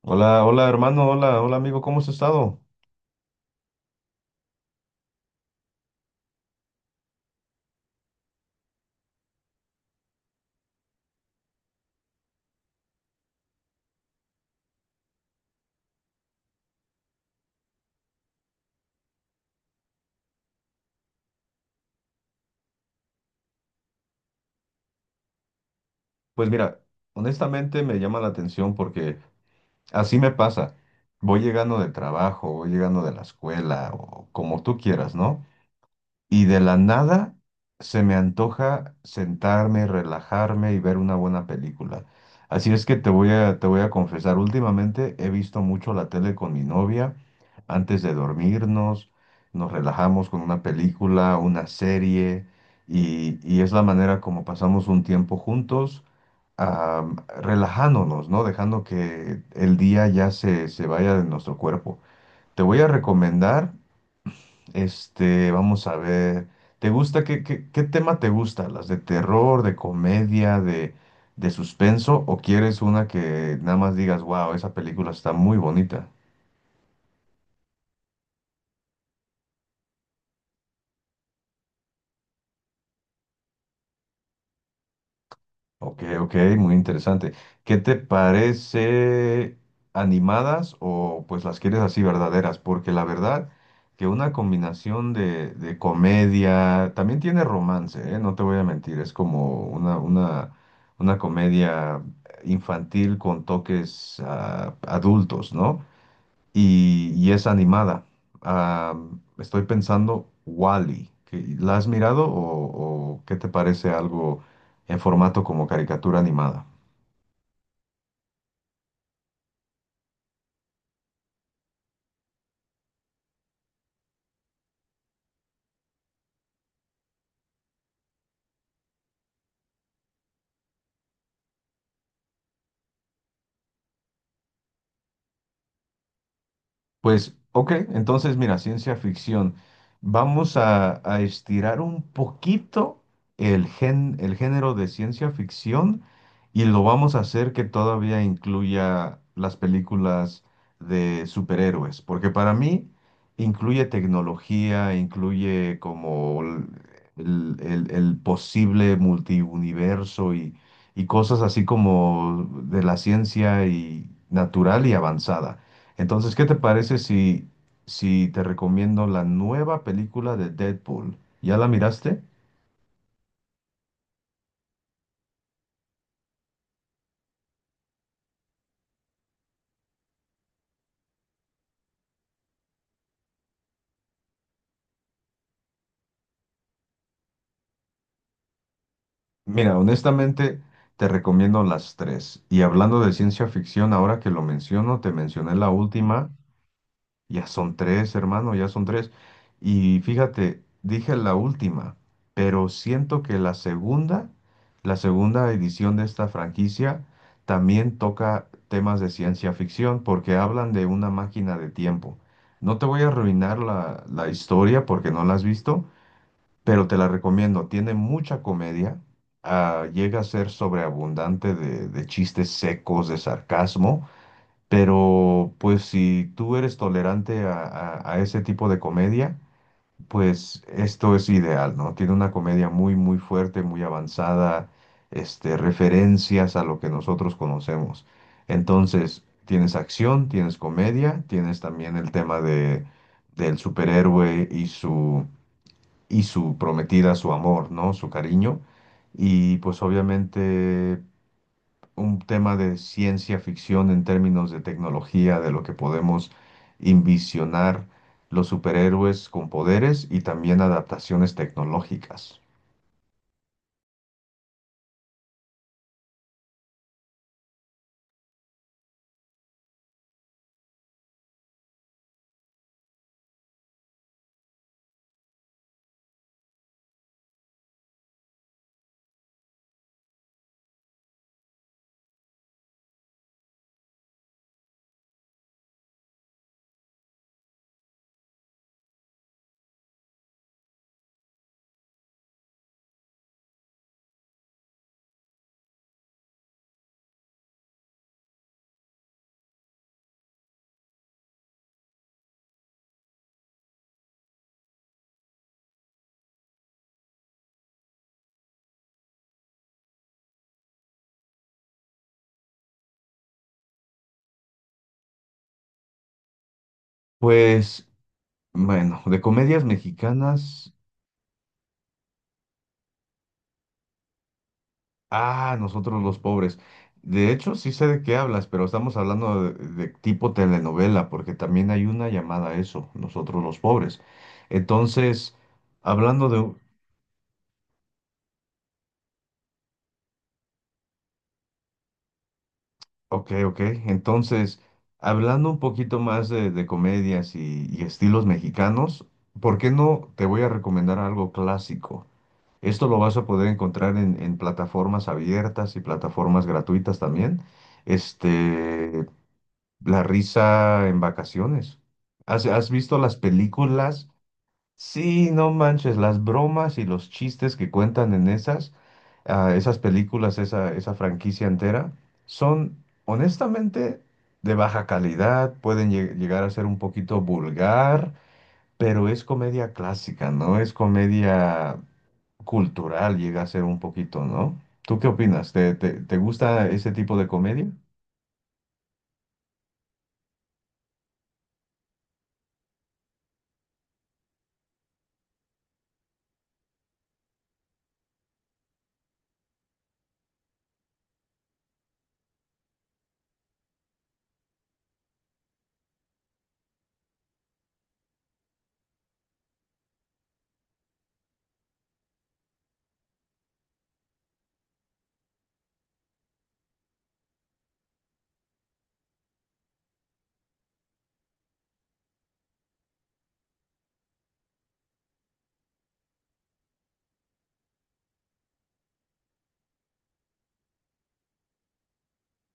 Hola, hola hermano, hola, hola amigo, ¿cómo has estado? Pues mira, honestamente me llama la atención porque así me pasa. Voy llegando del trabajo, voy llegando de la escuela o como tú quieras, ¿no? Y de la nada se me antoja sentarme, relajarme y ver una buena película. Así es que te voy a confesar, últimamente he visto mucho la tele con mi novia. Antes de dormirnos, nos relajamos con una película, una serie, y es la manera como pasamos un tiempo juntos, am, relajándonos, ¿no? Dejando que el día ya se vaya de nuestro cuerpo. Te voy a recomendar. Vamos a ver. ¿Te gusta? ¿Qué tema te gusta? ¿Las de terror, de comedia, de suspenso? ¿O quieres una que nada más digas, wow, esa película está muy bonita? Ok, ok, muy interesante. ¿Qué te parece animadas o pues las quieres así verdaderas? Porque la verdad que una combinación de comedia, también tiene romance, ¿eh? No te voy a mentir, es como una comedia infantil con toques adultos, ¿no? Y es animada. Ah, estoy pensando Wally. ¿La has mirado o qué te parece algo en formato como caricatura animada? Pues, ok, entonces mira, ciencia ficción. Vamos a estirar un poquito el género de ciencia ficción y lo vamos a hacer que todavía incluya las películas de superhéroes, porque para mí incluye tecnología, incluye como el posible multiuniverso y cosas así como de la ciencia y natural y avanzada. Entonces, ¿qué te parece si te recomiendo la nueva película de Deadpool? ¿Ya la miraste? Mira, honestamente, te recomiendo las tres. Y hablando de ciencia ficción, ahora que lo menciono, te mencioné la última. Ya son tres, hermano, ya son tres. Y fíjate, dije la última, pero siento que la segunda edición de esta franquicia también toca temas de ciencia ficción porque hablan de una máquina de tiempo. No te voy a arruinar la historia porque no la has visto, pero te la recomiendo. Tiene mucha comedia, llega a ser sobreabundante de chistes secos, de sarcasmo. Pero pues si tú eres tolerante a, a ese tipo de comedia, pues esto es ideal, ¿no? Tiene una comedia muy, muy fuerte, muy avanzada, referencias a lo que nosotros conocemos. Entonces, tienes acción, tienes comedia, tienes también el tema del superhéroe y y su prometida, su amor, ¿no? Su cariño. Y pues obviamente un tema de ciencia ficción en términos de tecnología, de lo que podemos envisionar los superhéroes con poderes y también adaptaciones tecnológicas. Pues, bueno, de comedias mexicanas, nosotros los pobres. De hecho, sí sé de qué hablas, pero estamos hablando de tipo telenovela, porque también hay una llamada a eso, nosotros los pobres. Entonces, hablando de Ok, ok. Entonces, hablando un poquito más de comedias y estilos mexicanos, ¿por qué no te voy a recomendar algo clásico? Esto lo vas a poder encontrar en plataformas abiertas y plataformas gratuitas también. Este, La risa en vacaciones. Has visto las películas? Sí, no manches, las bromas y los chistes que cuentan en esas, esas películas, esa franquicia entera, son honestamente de baja calidad, pueden llegar a ser un poquito vulgar, pero es comedia clásica, ¿no? Es comedia cultural, llega a ser un poquito, ¿no? ¿Tú qué opinas? Te gusta ese tipo de comedia?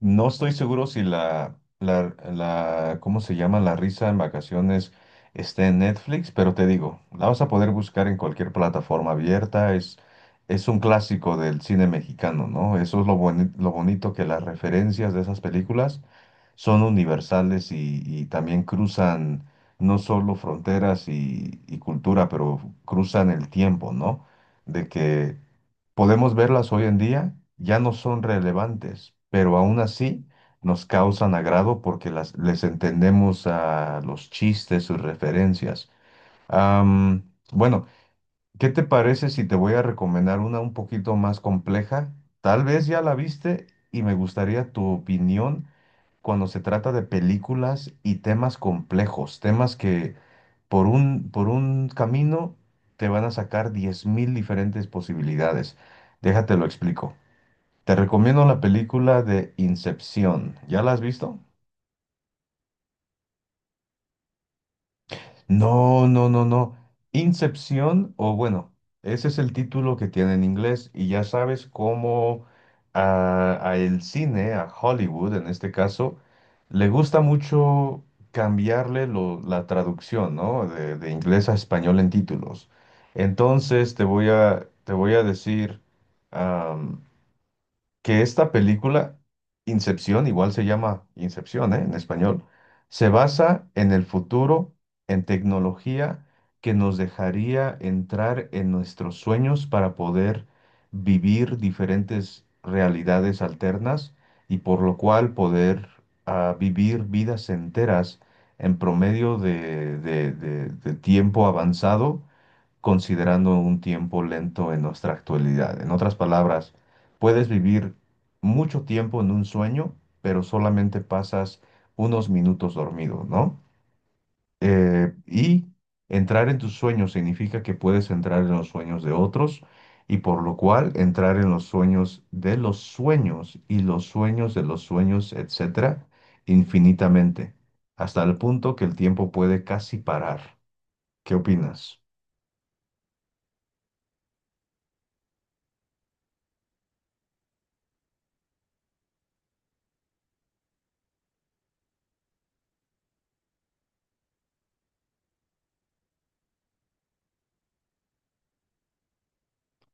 No estoy seguro si la, ¿cómo se llama? La risa en vacaciones está en Netflix, pero te digo, la vas a poder buscar en cualquier plataforma abierta. Es un clásico del cine mexicano, ¿no? Eso es lo lo bonito que las referencias de esas películas son universales y también cruzan no solo fronteras y cultura, pero cruzan el tiempo, ¿no? De que podemos verlas hoy en día, ya no son relevantes, pero aún así nos causan agrado porque les entendemos a los chistes, sus referencias. Am, bueno, ¿qué te parece si te voy a recomendar una un poquito más compleja? Tal vez ya la viste y me gustaría tu opinión cuando se trata de películas y temas complejos, temas que por un camino te van a sacar 10.000 diferentes posibilidades. Déjate lo explico. Te recomiendo la película de Incepción. ¿Ya la has visto? No, no, no, no. Incepción, o bueno, ese es el título que tiene en inglés y ya sabes cómo a el cine, a Hollywood en este caso, le gusta mucho cambiarle la traducción, ¿no? De inglés a español en títulos. Entonces te voy a decir, que esta película, Incepción, igual se llama Incepción, ¿eh? En español, se basa en el futuro, en tecnología que nos dejaría entrar en nuestros sueños para poder vivir diferentes realidades alternas y por lo cual poder vivir vidas enteras en promedio de, de tiempo avanzado considerando un tiempo lento en nuestra actualidad. En otras palabras, puedes vivir mucho tiempo en un sueño, pero solamente pasas unos minutos dormido, ¿no? Y entrar en tus sueños significa que puedes entrar en los sueños de otros y por lo cual entrar en los sueños de los sueños y los sueños de los sueños, etcétera, infinitamente, hasta el punto que el tiempo puede casi parar. ¿Qué opinas?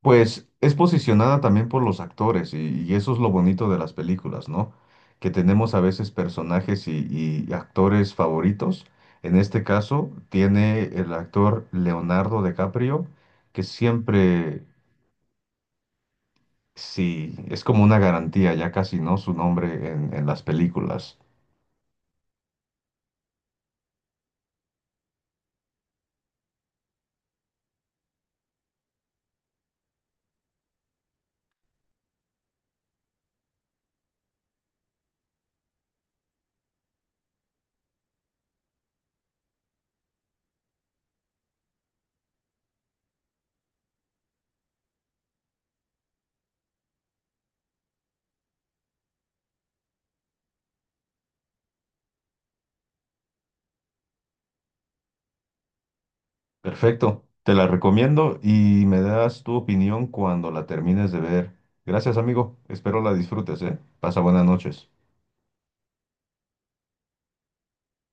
Pues es posicionada también por los actores y eso es lo bonito de las películas, ¿no? Que tenemos a veces personajes y actores favoritos. En este caso tiene el actor Leonardo DiCaprio, que siempre, sí, es como una garantía, ya casi, ¿no? Su nombre en las películas. Perfecto, te la recomiendo y me das tu opinión cuando la termines de ver. Gracias, amigo. Espero la disfrutes, ¿eh? Pasa buenas noches.